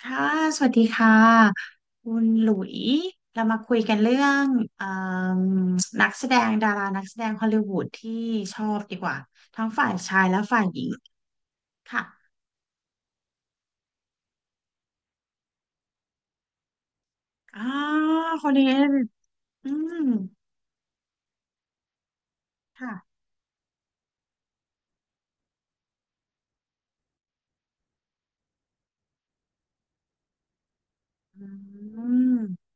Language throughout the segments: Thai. ค่ะสวัสดีค่ะคุณหลุยเรามาคุยกันเรื่องเอิ่มนักแสดงดารานักแสดงฮอลลีวูดที่ชอบดีกว่าทั้งฝ่ายชายและฝ่ายหญิงค่ะอ่าคนนี้อืมค่ะอืม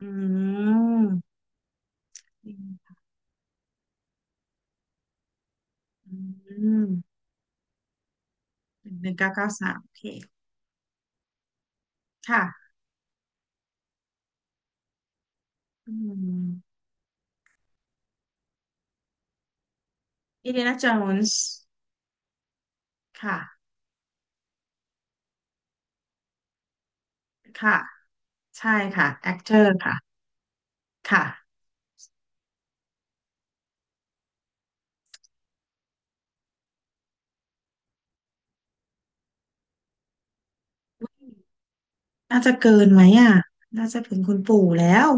อืมอืมหนึ่งเก้าเก้าสามโอเคค่ะอืมอินเดียนาโจนส์ค่ะค่ะใช่ค่ะแอคเตอร์ค่ะค่ะ น่าจะเกินไหมอ่ะ น่าจะถึงคุณปู่แล้ว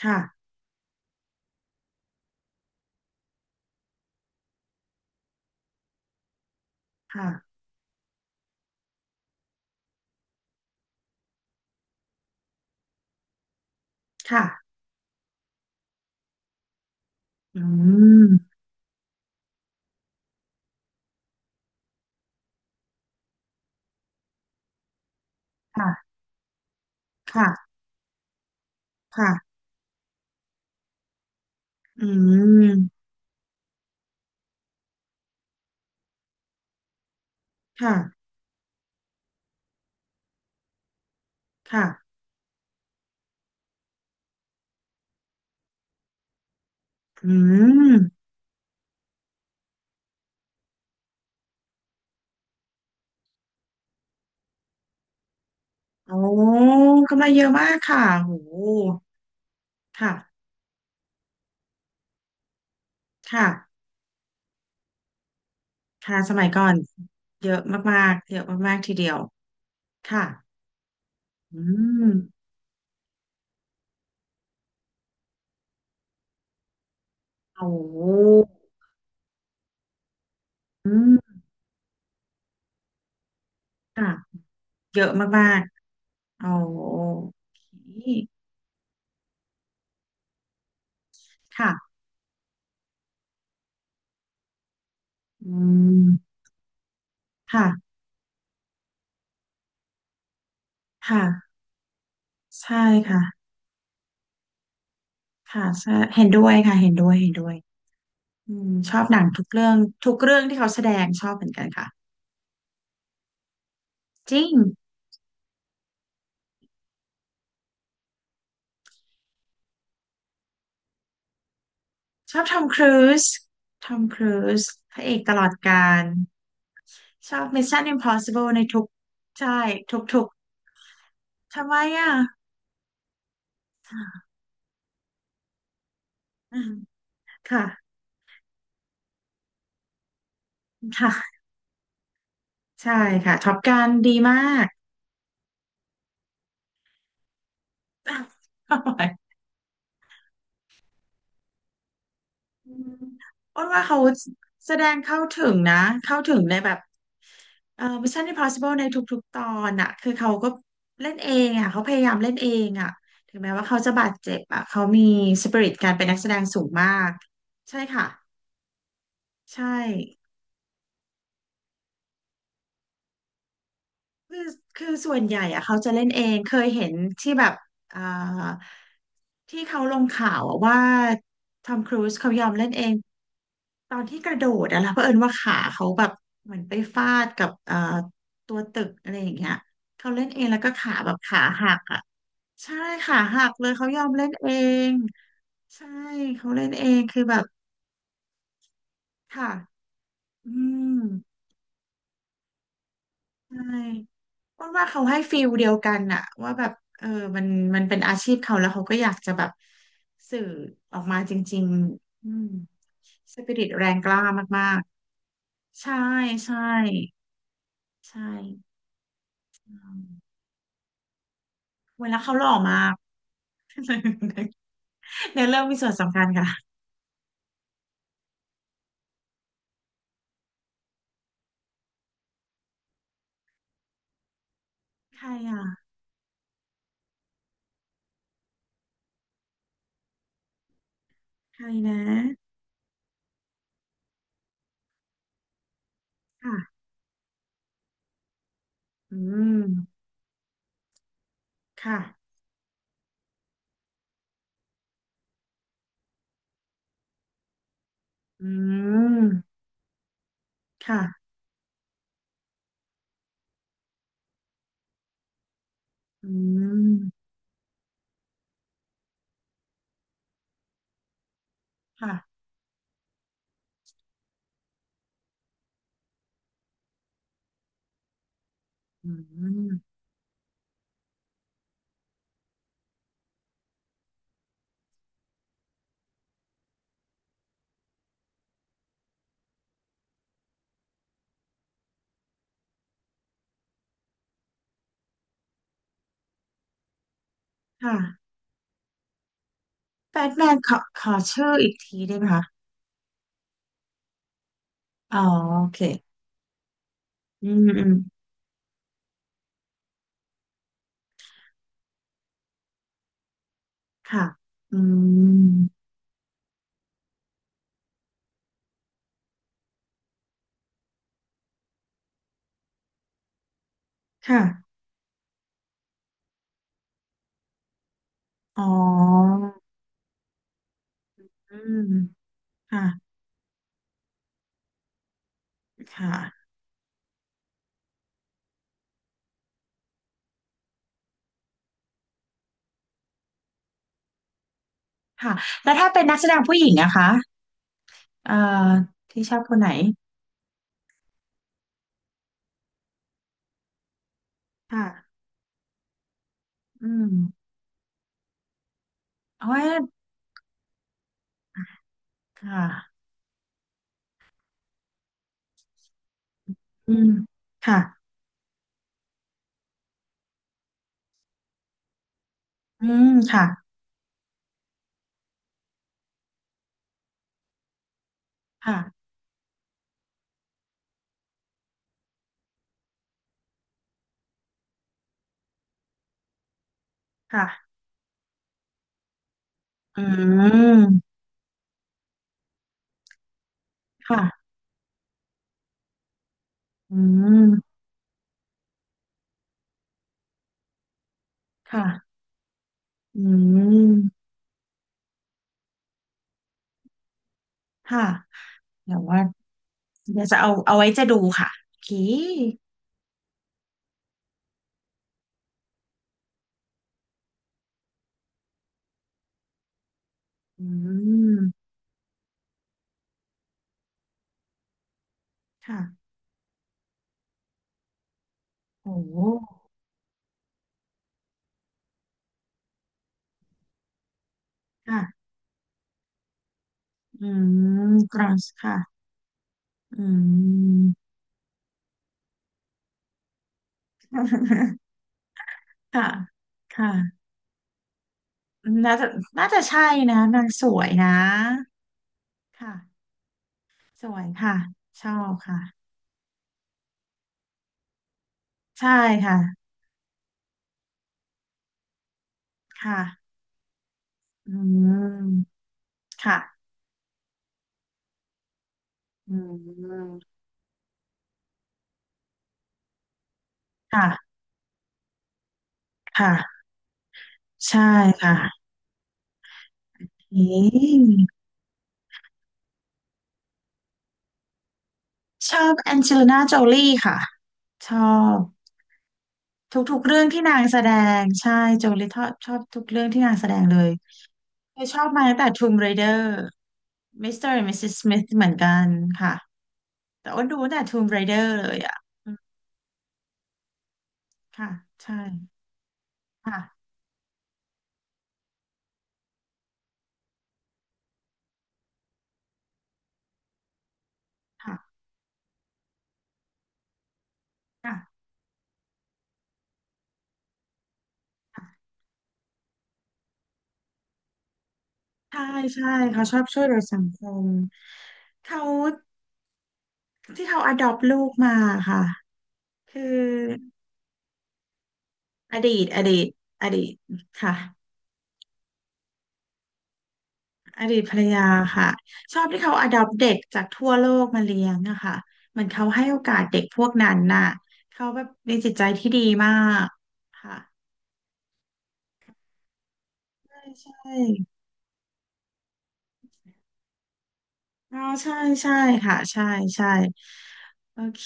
ค่ะค่ะค่ะอืมค่ะค่ะค่ะอืมค่ะค่ะอืมโอ้กำไรเยอะมากค่ะโหค่ะค่ะค่ะสมัยก่อน เยอะมากๆเยอะมากๆทีเดียวค่ะอืมโอ้อืมค่ะเยอะมากๆโอ้โอเคค่ะอืมค่ะค่ะ ใช่ค่ะค่ะใช่เห็นด้วยค่ะ เห็นด้วยเห็นด้วยอืมชอบหนังทุกเรื่อง ทุกเรื่องที่เขาแสดงชอบเหมือนกันค่ะ จริง ชอบทอมครูซทอมครูซพระเอกตลอดกาลชอบ Mission Impossible ในทุก ใช่ ทุกๆ ทำไมอ่ะอืมค่ะค่ะ ใช่ค่ะท็อปกันดีมาก อืมอ้นว่าเขาแสดงเข้าถึงนะเข้าถึงในแบบMission Impossible ในทุกๆตอนอะคือเขาก็เล่นเองอะเขาพยายามเล่นเองอะถึงแม้ว่าเขาจะบาดเจ็บอะเขามีสปิริตการเป็นนักแสดงสูงมากใช่ค่ะใช่ คือคือส่วนใหญ่อะเขาจะเล่นเองเคยเห็นที่แบบอ่าที่เขาลงข่าวอะว่าทอมครูซเขายอมเล่นเองตอนที่กระโดดอะนะเผอิญว่าขาเขาแบบเหมือนไปฟาดกับตัวตึกอะไรอย่างเงี้ยเขาเล่นเองแล้วก็ขาแบบขาหักอะใช่ขาหักเลยเขายอมเล่นเองใช่เขาเล่นเองคือแบบค่ะอืมใช่ ว่าว่าเขาให้ฟีลเดียวกันอะว่าแบบเออมันมันเป็นอาชีพเขาแล้วเขาก็อยากจะแบบสื่อออกมาจริงๆอืมสปิริตแรงกล้ามากๆใช่ใช่ใช่เวลาเขาหล่อมาก เนื้อเรื่องมีส่วนสำคัญค่ะใครอ่ะใครนะค่ะอืมค่ะอืมค่ะอืมค่ะอืมค่ะแบทแมนขอขอชื่ออีกทีได้ไหมคะอ๋อโอเค อืมอืมค่ะอืมค่ะอ๋ออืมค่ะค่ะค่ะแล้วถ้าเป็นนักแสดงผู้หญิงนะคะ เอ่อ ที่ชอบคนไหนค่ะอืมโอ้ยค่ะอืมค่ะอืมค่ะค่ะค่ะอืมค่ะอืมค่ะอืมค่ะเดี๋ยวว่าเดี๋ยวจะเอาเอาไว้จะดูค่ะโอเคอืมค่ะโอ้ ค่ะอืมก r u n ค่ะอืม ค่ะ ค่ะ น่าจะน่าจะใช่นะนางสวยนะค่ะสวยค่ะ ชอบค่ะ ใช่ค่ะ ค่ะอืมค่ะอืมค่ะค่ะ ใช่ค่ะเอ๊ะชอบแองเจลิน่าโจลี่ค่ะ ชอบ ทุกๆเรื่องที่นางแสดงใช่โจลิทชอบชอบทุกเรื่องที่นางแสดงเลยเธอชอบมาตั้งแต่ Tomb Raider Mr. and Mrs. Smith เหมือนกันค่ะแต่ว้นดูตั้งแต่ Tomb Raider เลยอ่ะอืมค่ะใช่ค่ะค่ะค่ะค่ะใช่ใช่เขาชอบช่วยเหลือสังคมเขาที่เขา adopt ลูกมาค่ะคืออดีตอดีตอดีตค่ะ อดีตภรรยาค่ะชอบที่เขาอดอปเด็กจากทั่วโลกมาเลี้ยงอะค่ะเหมือนเขาให้โอกาสเด็กพวกนั้นน่ะเขาแบบมีจิตใจที่ดีมากค่ะใช่ใช่อ๋อใช่ใช่ค่ะใช่ใช่โอเค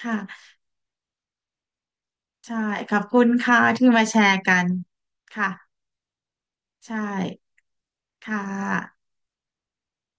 ค่ะใช่ขอบคุณค่ะที่มาแชร์กันค่ะใช่ค่ะ